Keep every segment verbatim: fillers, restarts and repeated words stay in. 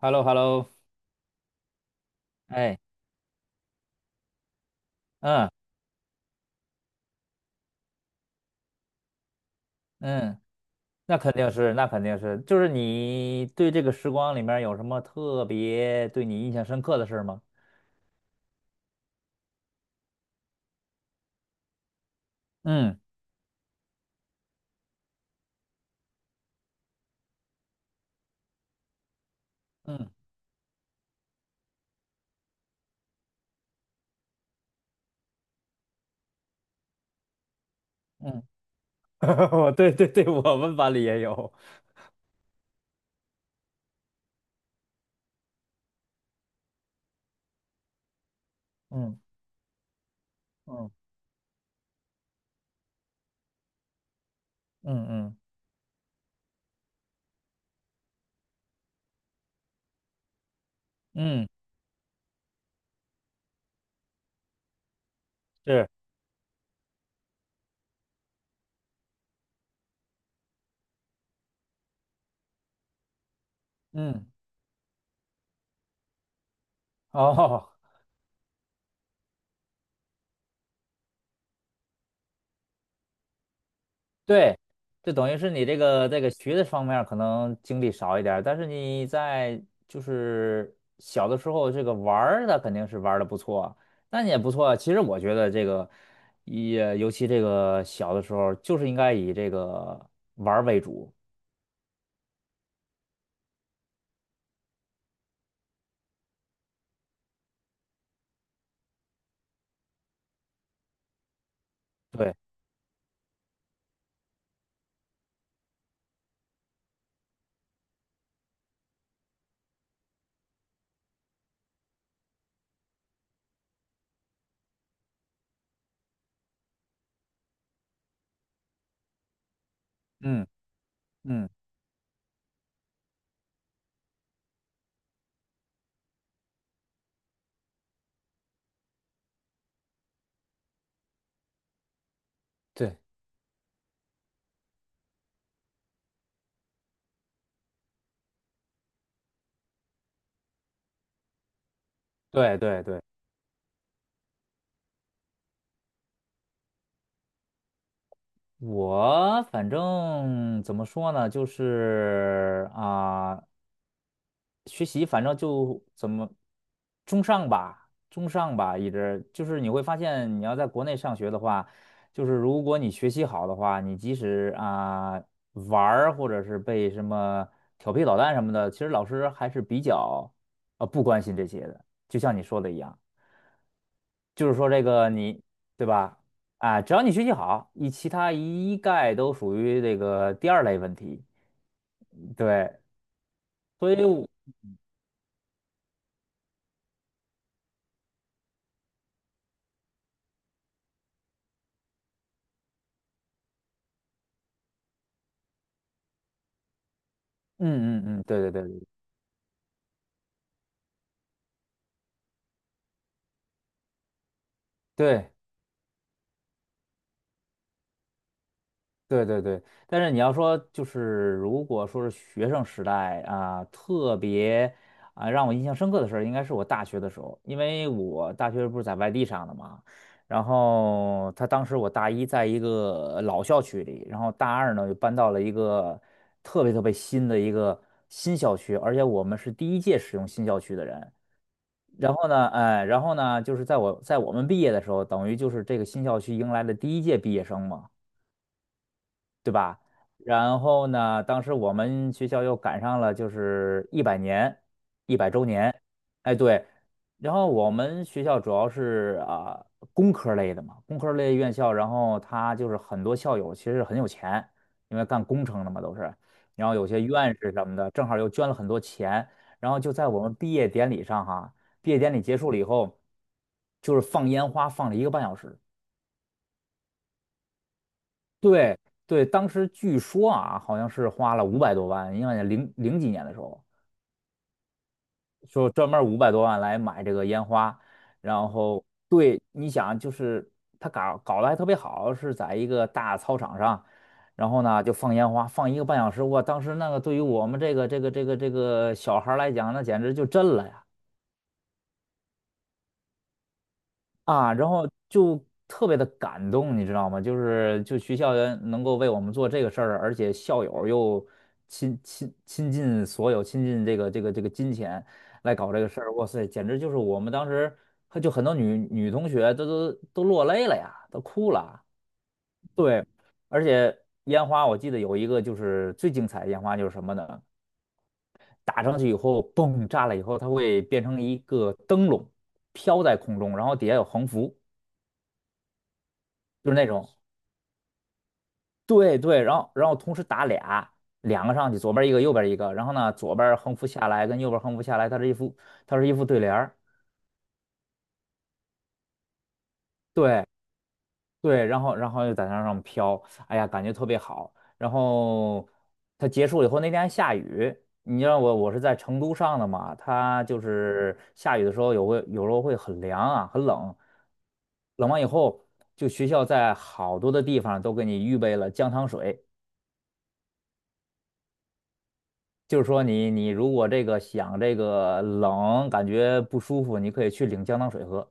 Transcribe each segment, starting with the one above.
h e l l o h e l l o 哎，嗯嗯，那肯定是，那肯定是，就是你对这个时光里面有什么特别对你印象深刻的事儿吗？嗯嗯嗯，我对对对，我们班里也有，嗯嗯嗯嗯嗯，是，嗯哦。对，就等于是你这个这个学的方面儿可能精力少一点儿但是你在就是小的时候这个玩儿的肯定是玩的不错，那你也不错啊。其实我觉得这个也尤其这个小的时候就是应该以这个玩儿为主。对，嗯嗯，对对对对，我反正怎么说呢，就是啊。学习反正就怎么中上吧，中上吧，一直就是你会发现，你要在国内上学的话，就是如果你学习好的话，你即使啊、玩儿或者是被什么调皮捣蛋什么的，其实老师还是比较呃不关心这些的。就像你说的一样，就是说这个你对吧？啊，只要你学习好，你其他一概都属于这个第二类问题。对，所以我嗯嗯嗯，对对对对。对对对对，但是你要说就是，如果说是学生时代啊，特别啊让我印象深刻的事儿，应该是我大学的时候，因为我大学不是在外地上的嘛，然后他当时我大一在一个老校区里，然后大二呢就搬到了一个特别特别新的一个新校区，而且我们是第一届使用新校区的人。然后呢，哎，然后呢，就是在我在我们毕业的时候，等于就是这个新校区迎来了第一届毕业生嘛。啊，然后呢，当时我们学校又赶上了就是一百年，一百周年，哎对，然后我们学校主要是啊、工科类的嘛，工科类院校，然后他就是很多校友其实很有钱，因为干工程的嘛都是，然后有些院士什么的，正好又捐了很多钱，然后就在我们毕业典礼上哈，毕业典礼结束了以后，就是放烟花放了一个半小时。对对，当时据说啊，好像是花了五百多万，因为零零几年的时候，说专门五百多万来买这个烟花，然后对，你想就是他搞搞得还特别好，是在一个大操场上，然后呢就放烟花，放一个半小时，哇，当时那个对于我们这个这个这个这个小孩儿来讲，那简直就震了呀。啊，然后就特别的感动，你知道吗？就是就学校园能够为我们做这个事儿，而且校友又亲亲亲近所有，亲近这个这个这个金钱来搞这个事儿，哇塞，简直就是我们当时就很多女女同学都都都落泪了呀，都哭了。对，而且烟花我记得有一个就是最精彩的烟花就是什么呢？打上去以后，嘣，炸了以后，它会变成一个灯笼飘在空中，然后底下有横幅，就是那种。对对，然后然后同时打俩，两个上去，左边一个，右边一个，然后呢，左边横幅下来跟右边横幅下来，它是一副它是一副对联儿，对对，然后然后又在那上飘，哎呀，感觉特别好。然后它结束以后，那天还下雨，你知道我我是在成都上的嘛，它就是下雨的时候有会有时候会很凉啊，很冷，冷完以后，就学校在好多的地方都给你预备了姜汤水。就是说你你如果这个想这个冷感觉不舒服，你可以去领姜糖水喝。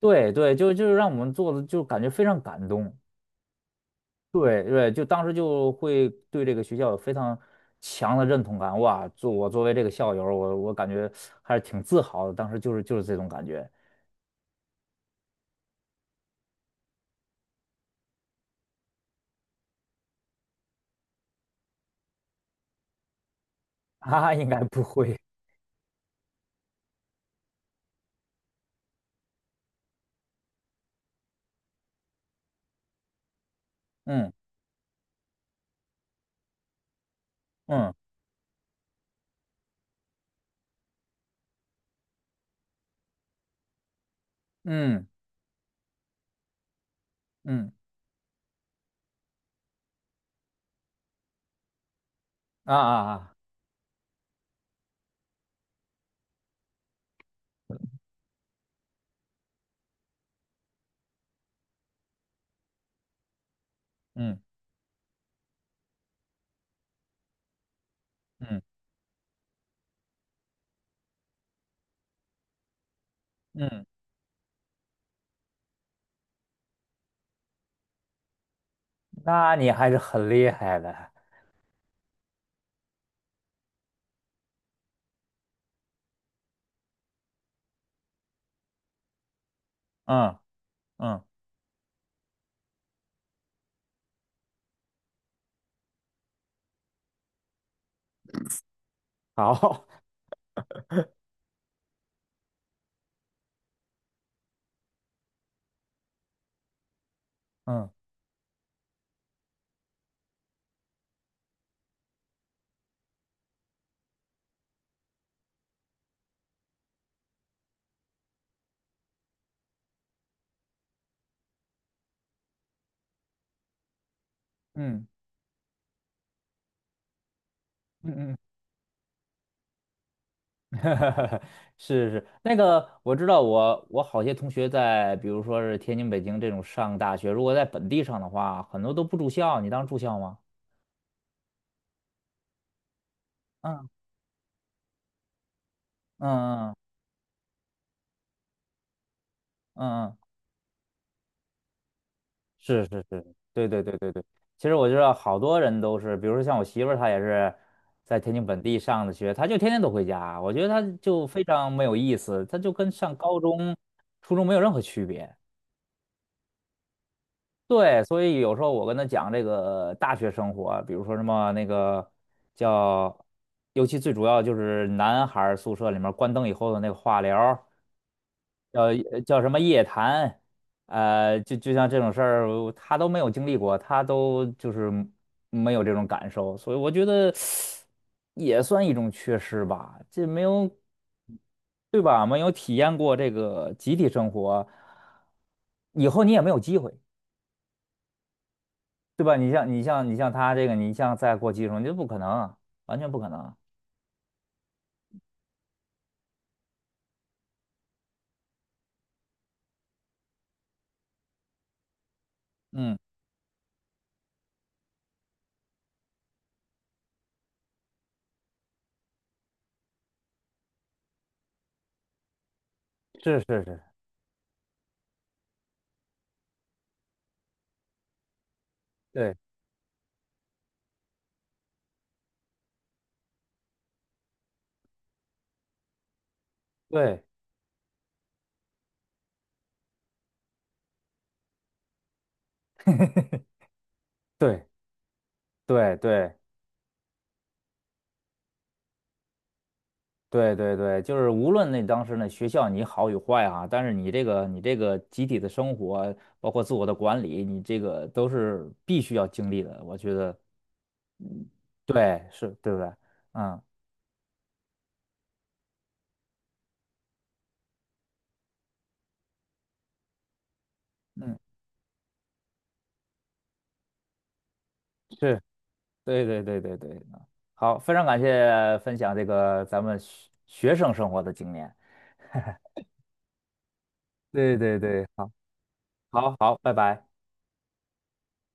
对对，就就是让我们做的就感觉非常感动。对对，就当时就会对这个学校有非常强的认同感。哇，作我作为这个校友，我我感觉还是挺自豪的。当时就是就是这种感觉。啊，应该不会。嗯嗯嗯嗯啊啊啊嗯嗯嗯，那你还是很厉害的。嗯嗯，好，嗯嗯。嗯嗯，是是，那个我知道我，我好些同学在，比如说是天津、北京这种上大学，如果在本地上的话，很多都不住校。你当住校吗？嗯嗯嗯嗯，嗯，是是是，对对对对对。其实我知道好多人都是，比如说像我媳妇儿，她也是在天津本地上的学，她就天天都回家，我觉得她就非常没有意思，她就跟上高中、初中没有任何区别。对，所以有时候我跟他讲这个大学生活，比如说什么那个叫，尤其最主要就是男孩儿宿舍里面关灯以后的那个话聊儿，叫呃叫什么夜谈，呃，就就像这种事儿，我他都没有经历过，他都就是没有这种感受，所以我觉得也算一种缺失吧，这没有，对吧？没有体验过这个集体生活，以后你也没有机会。对吧？你像你像你像他这个，你像再过技术，你这不可能啊完全不可能啊嗯，是是是，对对对对对对对对，就是无论那当时那学校你好与坏啊，但是你这个你这个集体的生活，包括自我的管理，你这个都是必须要经历的。我觉得对，是对不对？嗯嗯，是，对对对对对。好，非常感谢分享这个咱们学学生生活的经验。对对对。好。好好，拜拜。